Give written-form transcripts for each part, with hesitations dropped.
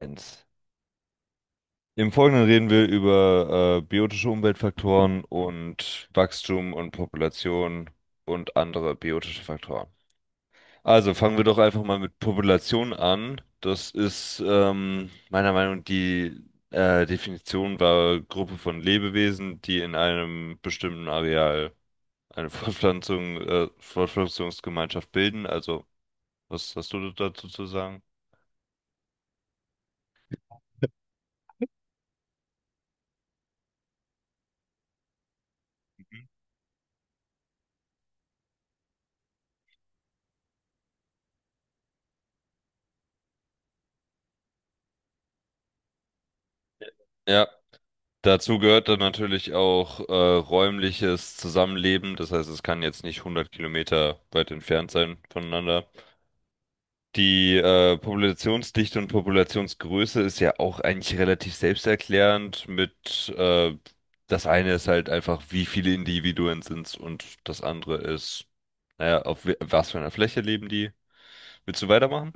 Eins. Im Folgenden reden wir über biotische Umweltfaktoren und Wachstum und Population und andere biotische Faktoren. Also fangen wir doch einfach mal mit Population an. Das ist meiner Meinung nach die Definition war Gruppe von Lebewesen, die in einem bestimmten Areal eine Fortpflanzungsgemeinschaft bilden. Also, was hast du dazu zu sagen? Mhm. Ja, dazu gehört dann natürlich auch räumliches Zusammenleben. Das heißt, es kann jetzt nicht 100 Kilometer weit entfernt sein voneinander. Die Populationsdichte und Populationsgröße ist ja auch eigentlich relativ selbsterklärend das eine ist halt einfach, wie viele Individuen sind's und das andere ist, naja, auf was für einer Fläche leben die. Willst du weitermachen?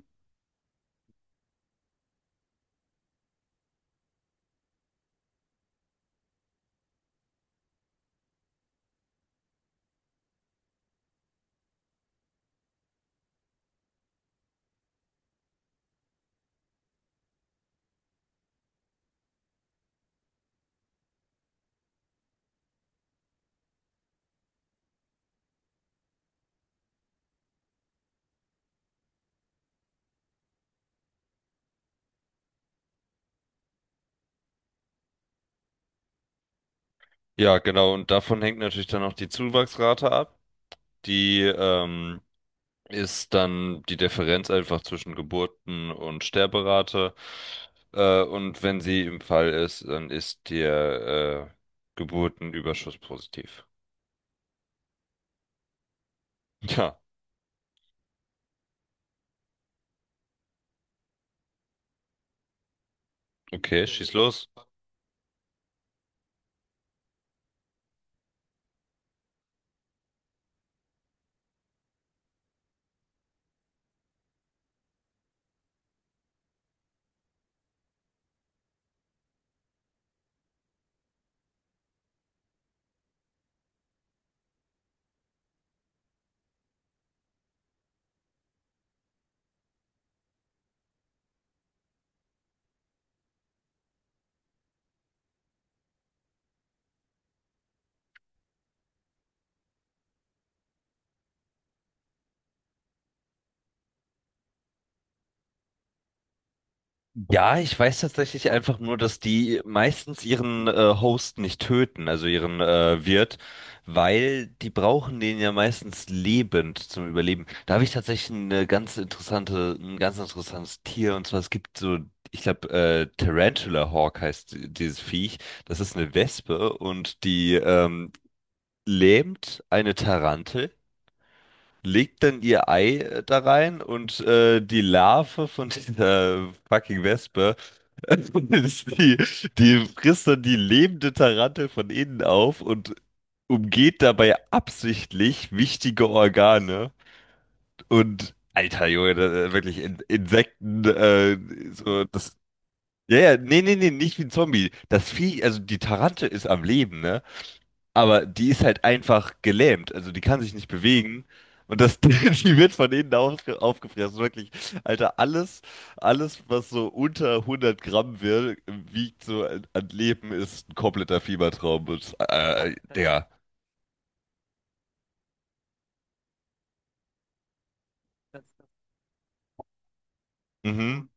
Ja, genau. Und davon hängt natürlich dann auch die Zuwachsrate ab. Die ist dann die Differenz einfach zwischen Geburten- und Sterberate. Und wenn sie im Fall ist, dann ist der Geburtenüberschuss positiv. Ja, okay, schieß los. Ja, ich weiß tatsächlich einfach nur, dass die meistens ihren Host nicht töten, also ihren Wirt, weil die brauchen den ja meistens lebend zum Überleben. Da habe ich tatsächlich eine ganz interessante, ein ganz interessantes Tier und zwar es gibt so, ich glaube, Tarantula Hawk heißt dieses Viech. Das ist eine Wespe und die lähmt eine Tarantel, legt dann ihr Ei da rein und die Larve von dieser fucking Wespe, die, die frisst dann die lebende Tarantel von innen auf und umgeht dabei absichtlich wichtige Organe. Und alter Junge, da wirklich In Insekten, so das. Ja, ja, nee, nee, nee, nicht wie ein Zombie. Das Vieh, also die Tarantel ist am Leben, ne? Aber die ist halt einfach gelähmt. Also die kann sich nicht bewegen. Und das, die wird von aufgefressen. Wirklich, Alter, alles, was so unter 100 Gramm wird, wiegt so an Leben, ist ein kompletter Fiebertraum. Und, Digga. Mhm.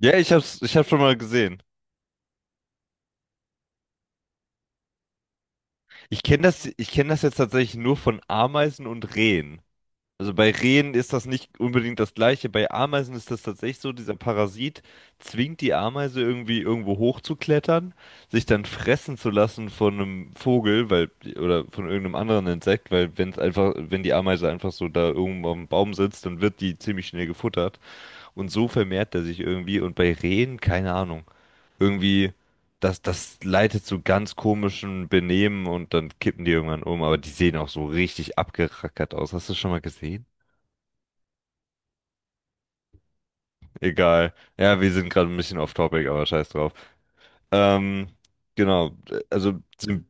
Ja, ich hab's schon mal gesehen. Ich kenne ich kenne das jetzt tatsächlich nur von Ameisen und Rehen. Also bei Rehen ist das nicht unbedingt das Gleiche. Bei Ameisen ist das tatsächlich so, dieser Parasit zwingt die Ameise irgendwie irgendwo hochzuklettern, sich dann fressen zu lassen von einem Vogel, weil, oder von irgendeinem anderen Insekt, weil wenn es einfach, wenn die Ameise einfach so da irgendwo am Baum sitzt, dann wird die ziemlich schnell gefuttert. Und so vermehrt er sich irgendwie. Und bei Rehen, keine Ahnung, irgendwie, das leitet zu ganz komischen Benehmen und dann kippen die irgendwann um. Aber die sehen auch so richtig abgerackert aus. Hast du das schon mal gesehen? Egal. Ja, wir sind gerade ein bisschen off topic, aber scheiß drauf. Ähm, genau. Also, Symb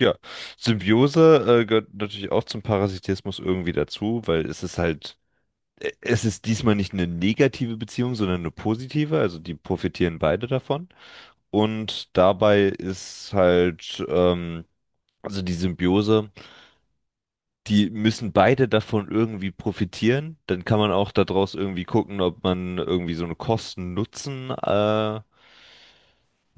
ja. Symbiose, gehört natürlich auch zum Parasitismus irgendwie dazu, weil es ist halt, es ist diesmal nicht eine negative Beziehung, sondern eine positive. Also, die profitieren beide davon. Und dabei ist halt, also die Symbiose, die müssen beide davon irgendwie profitieren. Dann kann man auch daraus irgendwie gucken, ob man irgendwie so eine Kosten-Nutzen, äh,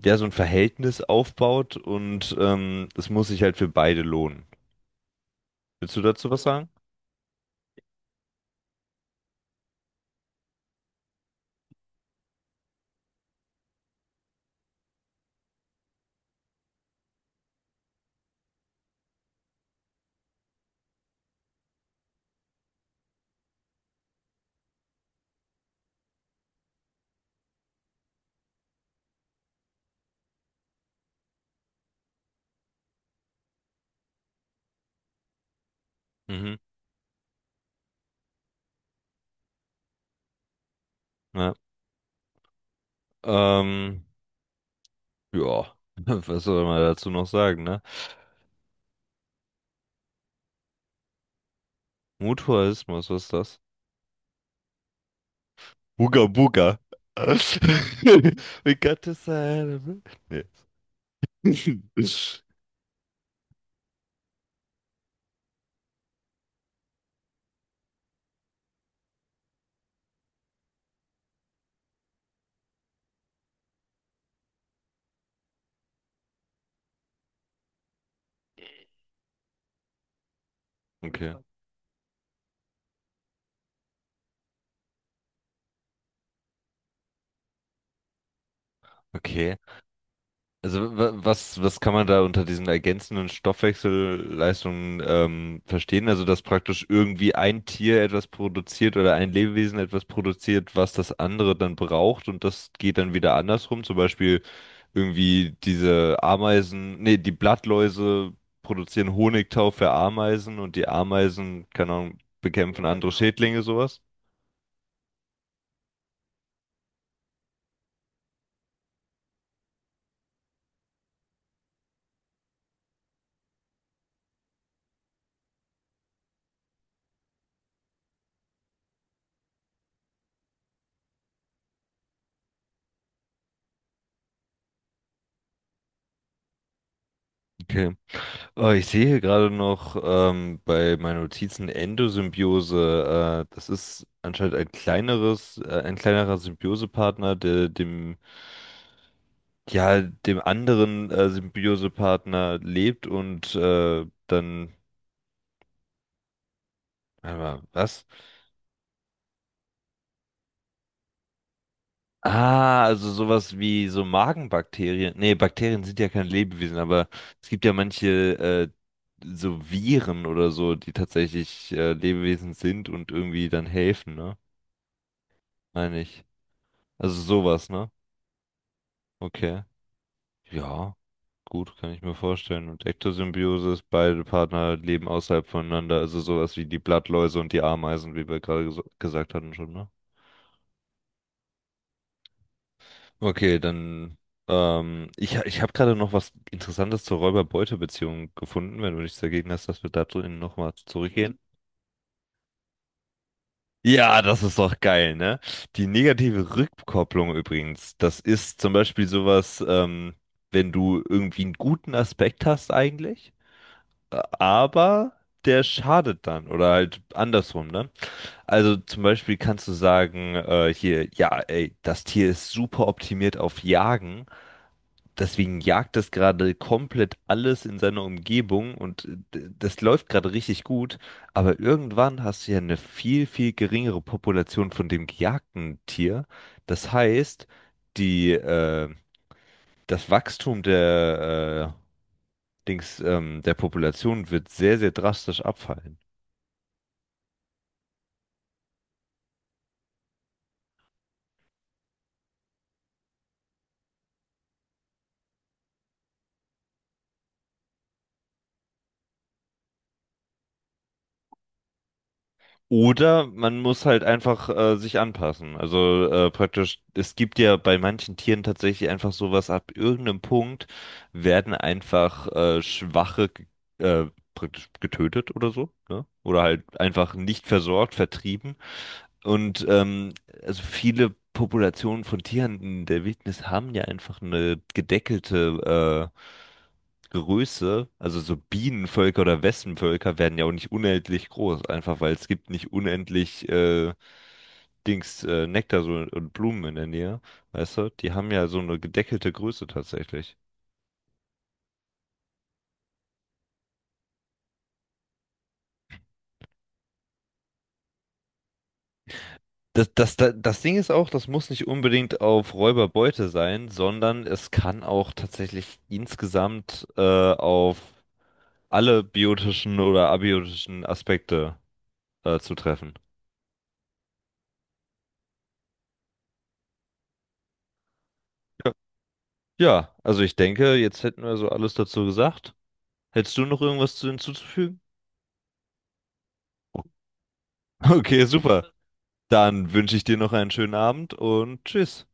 ja, so ein Verhältnis aufbaut und es muss sich halt für beide lohnen. Willst du dazu was sagen? Mhm. Ja. Ähm, ja, was soll man dazu noch sagen, ne? Mutualismus, was ist das? Booga Booga. We got to celebrate. Nee. Okay. Okay. Also was kann man da unter diesen ergänzenden Stoffwechselleistungen verstehen? Also dass praktisch irgendwie ein Tier etwas produziert oder ein Lebewesen etwas produziert, was das andere dann braucht und das geht dann wieder andersrum. Zum Beispiel irgendwie diese die Blattläuse produzieren Honigtau für Ameisen und die Ameisen, keine Ahnung, bekämpfen andere Schädlinge, sowas. Okay. Oh, ich sehe hier gerade noch bei meinen Notizen Endosymbiose. Das ist anscheinend ein ein kleinerer Symbiosepartner, dem anderen Symbiosepartner lebt und warte mal, was? Ah, also sowas wie so Magenbakterien. Nee, Bakterien sind ja kein Lebewesen, aber es gibt ja manche so Viren oder so, die tatsächlich Lebewesen sind und irgendwie dann helfen, ne? Meine ich. Also sowas, ne? Okay. Ja, gut, kann ich mir vorstellen. Und Ektosymbiosis, ist, beide Partner leben außerhalb voneinander, also sowas wie die Blattläuse und die Ameisen, wie wir gerade gesagt hatten schon, ne? Okay, dann. Ich habe gerade noch was Interessantes zur Räuber-Beute-Beziehung gefunden, wenn du nichts dagegen hast, dass wir da drin nochmal zurückgehen. Ja, das ist doch geil, ne? Die negative Rückkopplung übrigens, das ist zum Beispiel sowas, wenn du irgendwie einen guten Aspekt hast eigentlich, aber der schadet dann oder halt andersrum, ne? Also zum Beispiel kannst du sagen, hier, ja, ey, das Tier ist super optimiert auf Jagen. Deswegen jagt das gerade komplett alles in seiner Umgebung und das läuft gerade richtig gut, aber irgendwann hast du ja eine viel, viel geringere Population von dem gejagten Tier. Das heißt, die, äh, das Wachstum der Population wird sehr, sehr drastisch abfallen. Oder man muss halt einfach sich anpassen. Also praktisch, es gibt ja bei manchen Tieren tatsächlich einfach sowas, ab irgendeinem Punkt werden einfach praktisch getötet oder so, ne? Oder halt einfach nicht versorgt, vertrieben. Und also viele Populationen von Tieren in der Wildnis haben ja einfach eine gedeckelte Größe, also so Bienenvölker oder Wespenvölker werden ja auch nicht unendlich groß, einfach weil es gibt nicht unendlich Nektar so, und Blumen in der Nähe, weißt du? Die haben ja so eine gedeckelte Größe tatsächlich. Das Ding ist auch, das muss nicht unbedingt auf Räuberbeute sein, sondern es kann auch tatsächlich insgesamt auf alle biotischen oder abiotischen Aspekte zutreffen. Ja, ja, also ich denke, jetzt hätten wir so alles dazu gesagt. Hättest du noch irgendwas zu hinzuzufügen? Okay, super. Dann wünsche ich dir noch einen schönen Abend und tschüss.